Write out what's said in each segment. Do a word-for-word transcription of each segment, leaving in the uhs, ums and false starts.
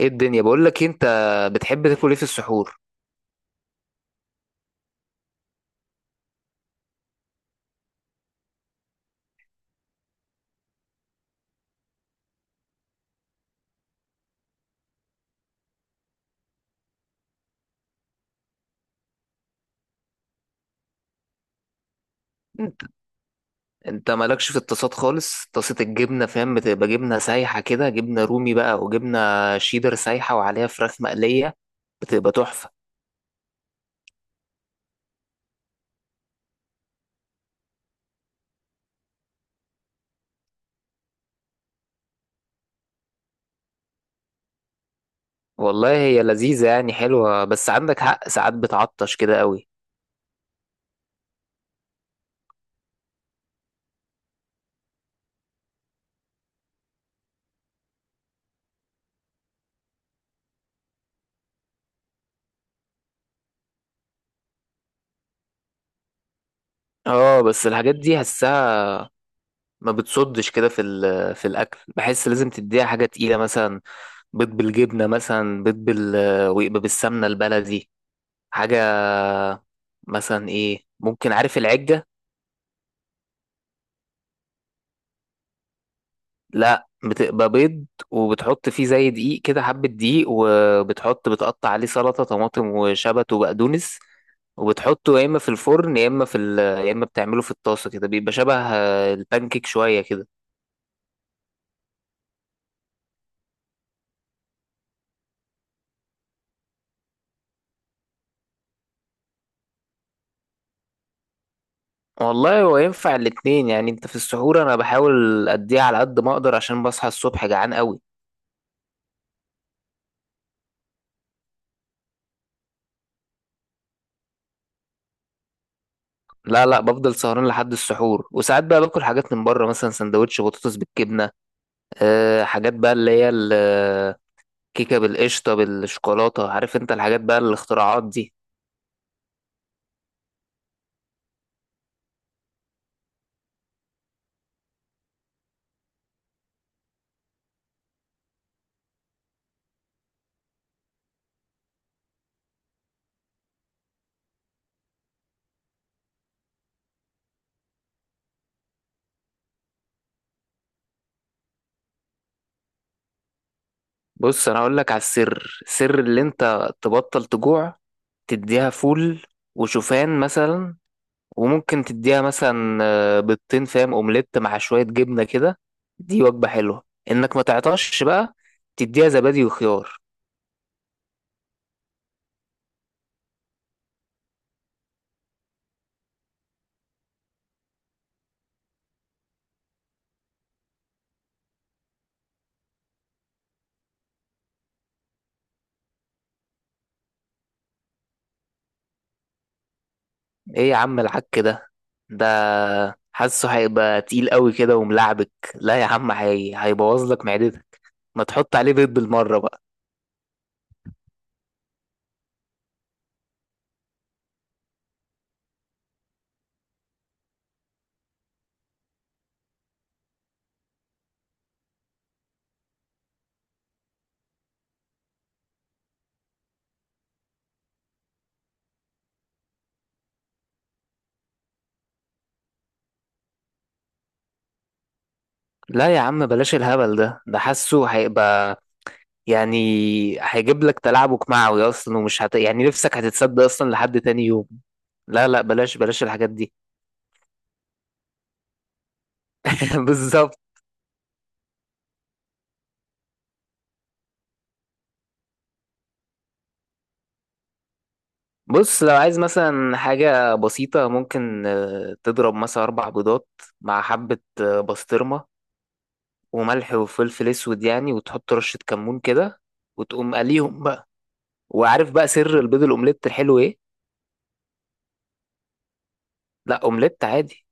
ايه الدنيا، بقول لك إيه، انت بتحب تاكل ايه في السحور؟ انت انت مالكش في الطاسات خالص. طاسه الجبنه فاهم، بتبقى جبنه سايحه كده، جبنه رومي بقى وجبنه شيدر سايحه وعليها فراخ مقليه، بتبقى تحفه. والله هي لذيذه يعني، حلوه، بس عندك حق ساعات بتعطش كده قوي. اه بس الحاجات دي حسها ما بتصدش كده في ال- في الاكل، بحس لازم تديها حاجه تقيله. مثلا بيض بالجبنه، مثلا بيض بال ويبقى بالسمنه البلدي. حاجة مثلا ايه، ممكن عارف العجة؟ لا، بتبقى بيض وبتحط فيه زي دقيق كده، حبة دقيق، وبتحط بتقطع عليه سلطة طماطم وشبت وبقدونس. وبتحطه يا اما في الفرن يا اما في ال... يا اما بتعمله في الطاسة كده، بيبقى شبه آه، البانكيك شوية كده. والله هو ينفع الاتنين يعني. انت في السحور، انا بحاول اديها على قد ما اقدر عشان بصحى الصبح جعان قوي. لا، لا، بفضل سهران لحد السحور. وساعات بقى باكل حاجات من بره، مثلا سندوتش بطاطس بالجبنة، أه حاجات بقى اللي هي الكيكة بالقشطة بالشوكولاتة. عارف انت الحاجات بقى الاختراعات دي. بص، انا اقول لك على السر السر اللي انت تبطل تجوع. تديها فول وشوفان مثلا، وممكن تديها مثلا آه، بيضتين، فاهم، اومليت مع شوية جبنة كده. دي وجبة حلوة. انك ما تعطش بقى، تديها زبادي وخيار. ايه يا عم العك ده ده، حاسه هيبقى تقيل قوي كده وملعبك. لا يا عم، هي... هيبوظ لك معدتك. ما تحط عليه بيض بالمرة بقى. لا يا عم بلاش الهبل ده ده، حاسه هيبقى يعني، هيجيب لك تلعبك معوي اصلا. ومش هت... يعني نفسك هتتسد اصلا لحد تاني يوم. لا، لا، بلاش، بلاش الحاجات دي. بالظبط. بص، لو عايز مثلا حاجة بسيطة، ممكن آه، تضرب مثلا أربع بيضات مع حبة آه، بسطرمة، وملح وفلفل أسود يعني، وتحط رشة كمون كده وتقوم قليهم بقى. وعارف بقى سر البيض الأومليت الحلو إيه؟ لا، أومليت عادي.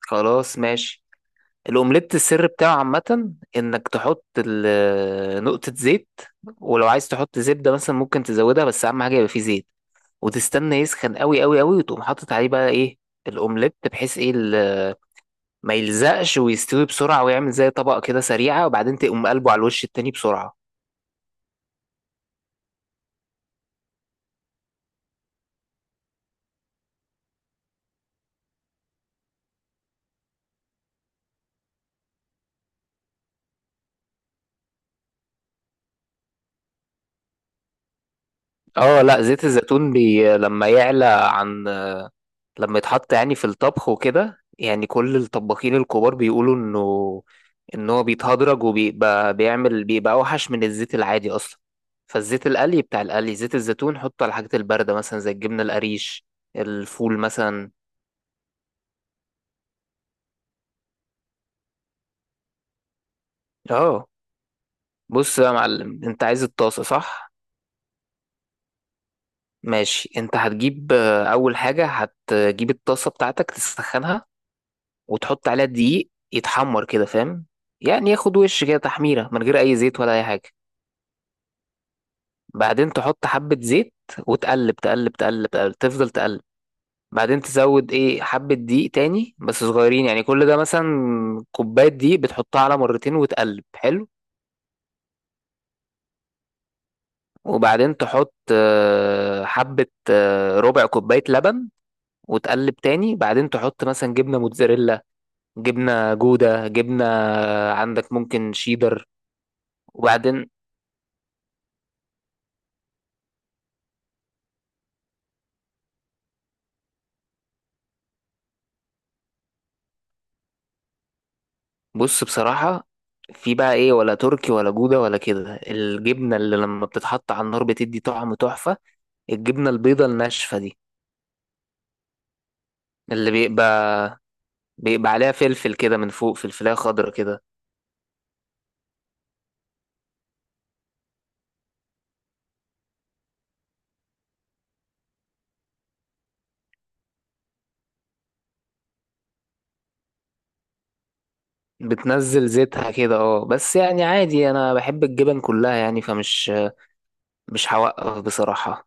خلاص ماشي. الاومليت السر بتاعه عامة انك تحط ال- نقطة زيت. ولو عايز تحط زبدة مثلا ممكن تزودها، بس اهم حاجة يبقى فيه زيت. وتستنى يسخن قوي قوي قوي وتقوم حاطط عليه بقى ايه، الاومليت، بحيث ايه ال- ما يلزقش ويستوي بسرعة ويعمل زي طبقة كده سريعة. وبعدين تقوم قلبه على الوش التاني بسرعة. اه، لا زيت الزيتون بي لما يعلى، عن، لما يتحط يعني في الطبخ وكده، يعني كل الطباخين الكبار بيقولوا انه ان هو بيتهدرج وبيبقى بيعمل بيبقى اوحش من الزيت العادي اصلا. فالزيت القلي بتاع القلي، زيت الزيتون حطه على الحاجات البارده مثلا زي الجبنه القريش، الفول مثلا. اه، بص بقى يا معلم، انت عايز الطاسه، صح؟ ماشي، انت هتجيب آه، اول حاجه هتجيب الطاسه بتاعتك تسخنها، وتحط عليها دقيق يتحمر كده، فاهم، يعني ياخد وش كده تحميره من غير اي زيت ولا اي حاجه. بعدين تحط حبة زيت وتقلب تقلب تقلب تقلب تفضل تقلب. بعدين تزود ايه حبة دقيق تاني بس صغيرين يعني، كل ده مثلا كوباية دقيق بتحطها على مرتين وتقلب حلو. وبعدين تحط آه، حبة آه، ربع كوباية لبن وتقلب تاني. بعدين تحط مثلا جبنة موتزاريلا، جبنة جودة، جبنة آه، عندك ممكن شيدر. وبعدين، بص بصراحة، في بقى ايه، ولا تركي ولا جودة ولا كده، الجبنة اللي لما بتتحط على النار بتدي طعم تحفة، الجبنة البيضة الناشفة دي. اللي بيبقى بيبقى عليها فلفل كده من فوق، فلفلاية خضرا كده. بتنزل زيتها كده اه بس يعني عادي، انا بحب الجبن كلها يعني، فمش مش هوقف بصراحة.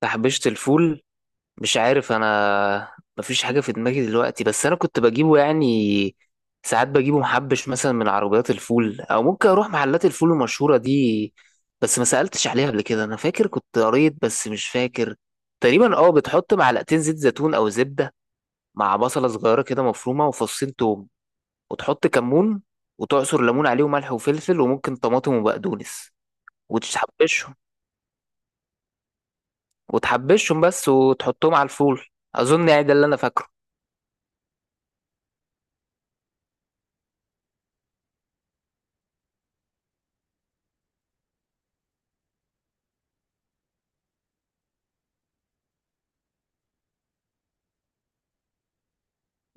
تحبيشة الفول، مش عارف انا، مفيش حاجه في دماغي دلوقتي. بس انا كنت بجيبه يعني، ساعات بجيبه محبش، مثلا من عربيات الفول او ممكن اروح محلات الفول المشهوره دي. بس ما سالتش عليها قبل كده. انا فاكر كنت قريت بس مش فاكر. تقريبا اه بتحط معلقتين زيت زيتون او زبده، مع بصله صغيره كده مفرومه وفصين توم، وتحط كمون وتعصر ليمون عليه وملح وفلفل وممكن طماطم وبقدونس. وتحبشهم وتحبشهم بس وتحطهم على الفول. اظن يعني ده اللي انا فاكره.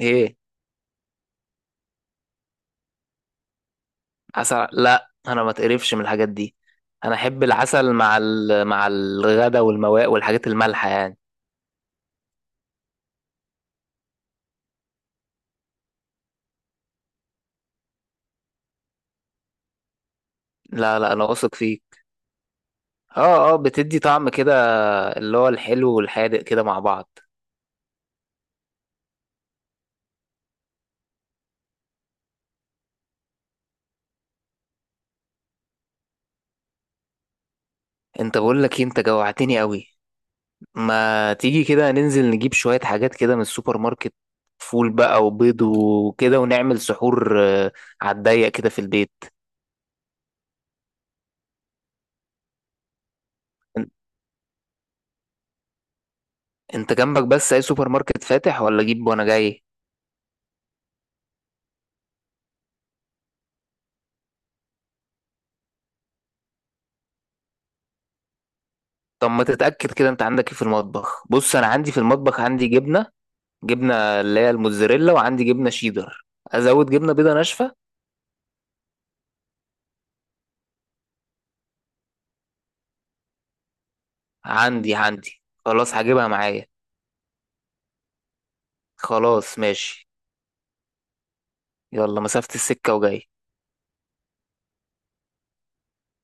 ايه؟ عسل؟ لا، انا ما تقرفش من الحاجات دي، انا احب العسل مع ال... مع الغدا والمواء والحاجات المالحه يعني. لا، لا، انا واثق فيك. اه، اه، بتدي طعم كده اللي هو الحلو والحادق كده مع بعض. انت، بقول لك إيه، انت جوعتني قوي. ما تيجي كده ننزل نجيب شويه حاجات كده من السوبر ماركت، فول بقى وبيض وكده، ونعمل سحور آه، على الضيق كده في البيت. إن- انت جنبك بس اي سوبر ماركت فاتح، ولا اجيب وانا جاي؟ طب، ما تتأكد كده انت عندك ايه في المطبخ. بص انا عندي في المطبخ، عندي جبنة جبنة اللي هي الموتزاريلا، وعندي جبنة شيدر، ازود جبنة بيضة ناشفة. عندي عندي، خلاص هجيبها معايا. خلاص، ماشي. يلا مسافة السكة وجاي.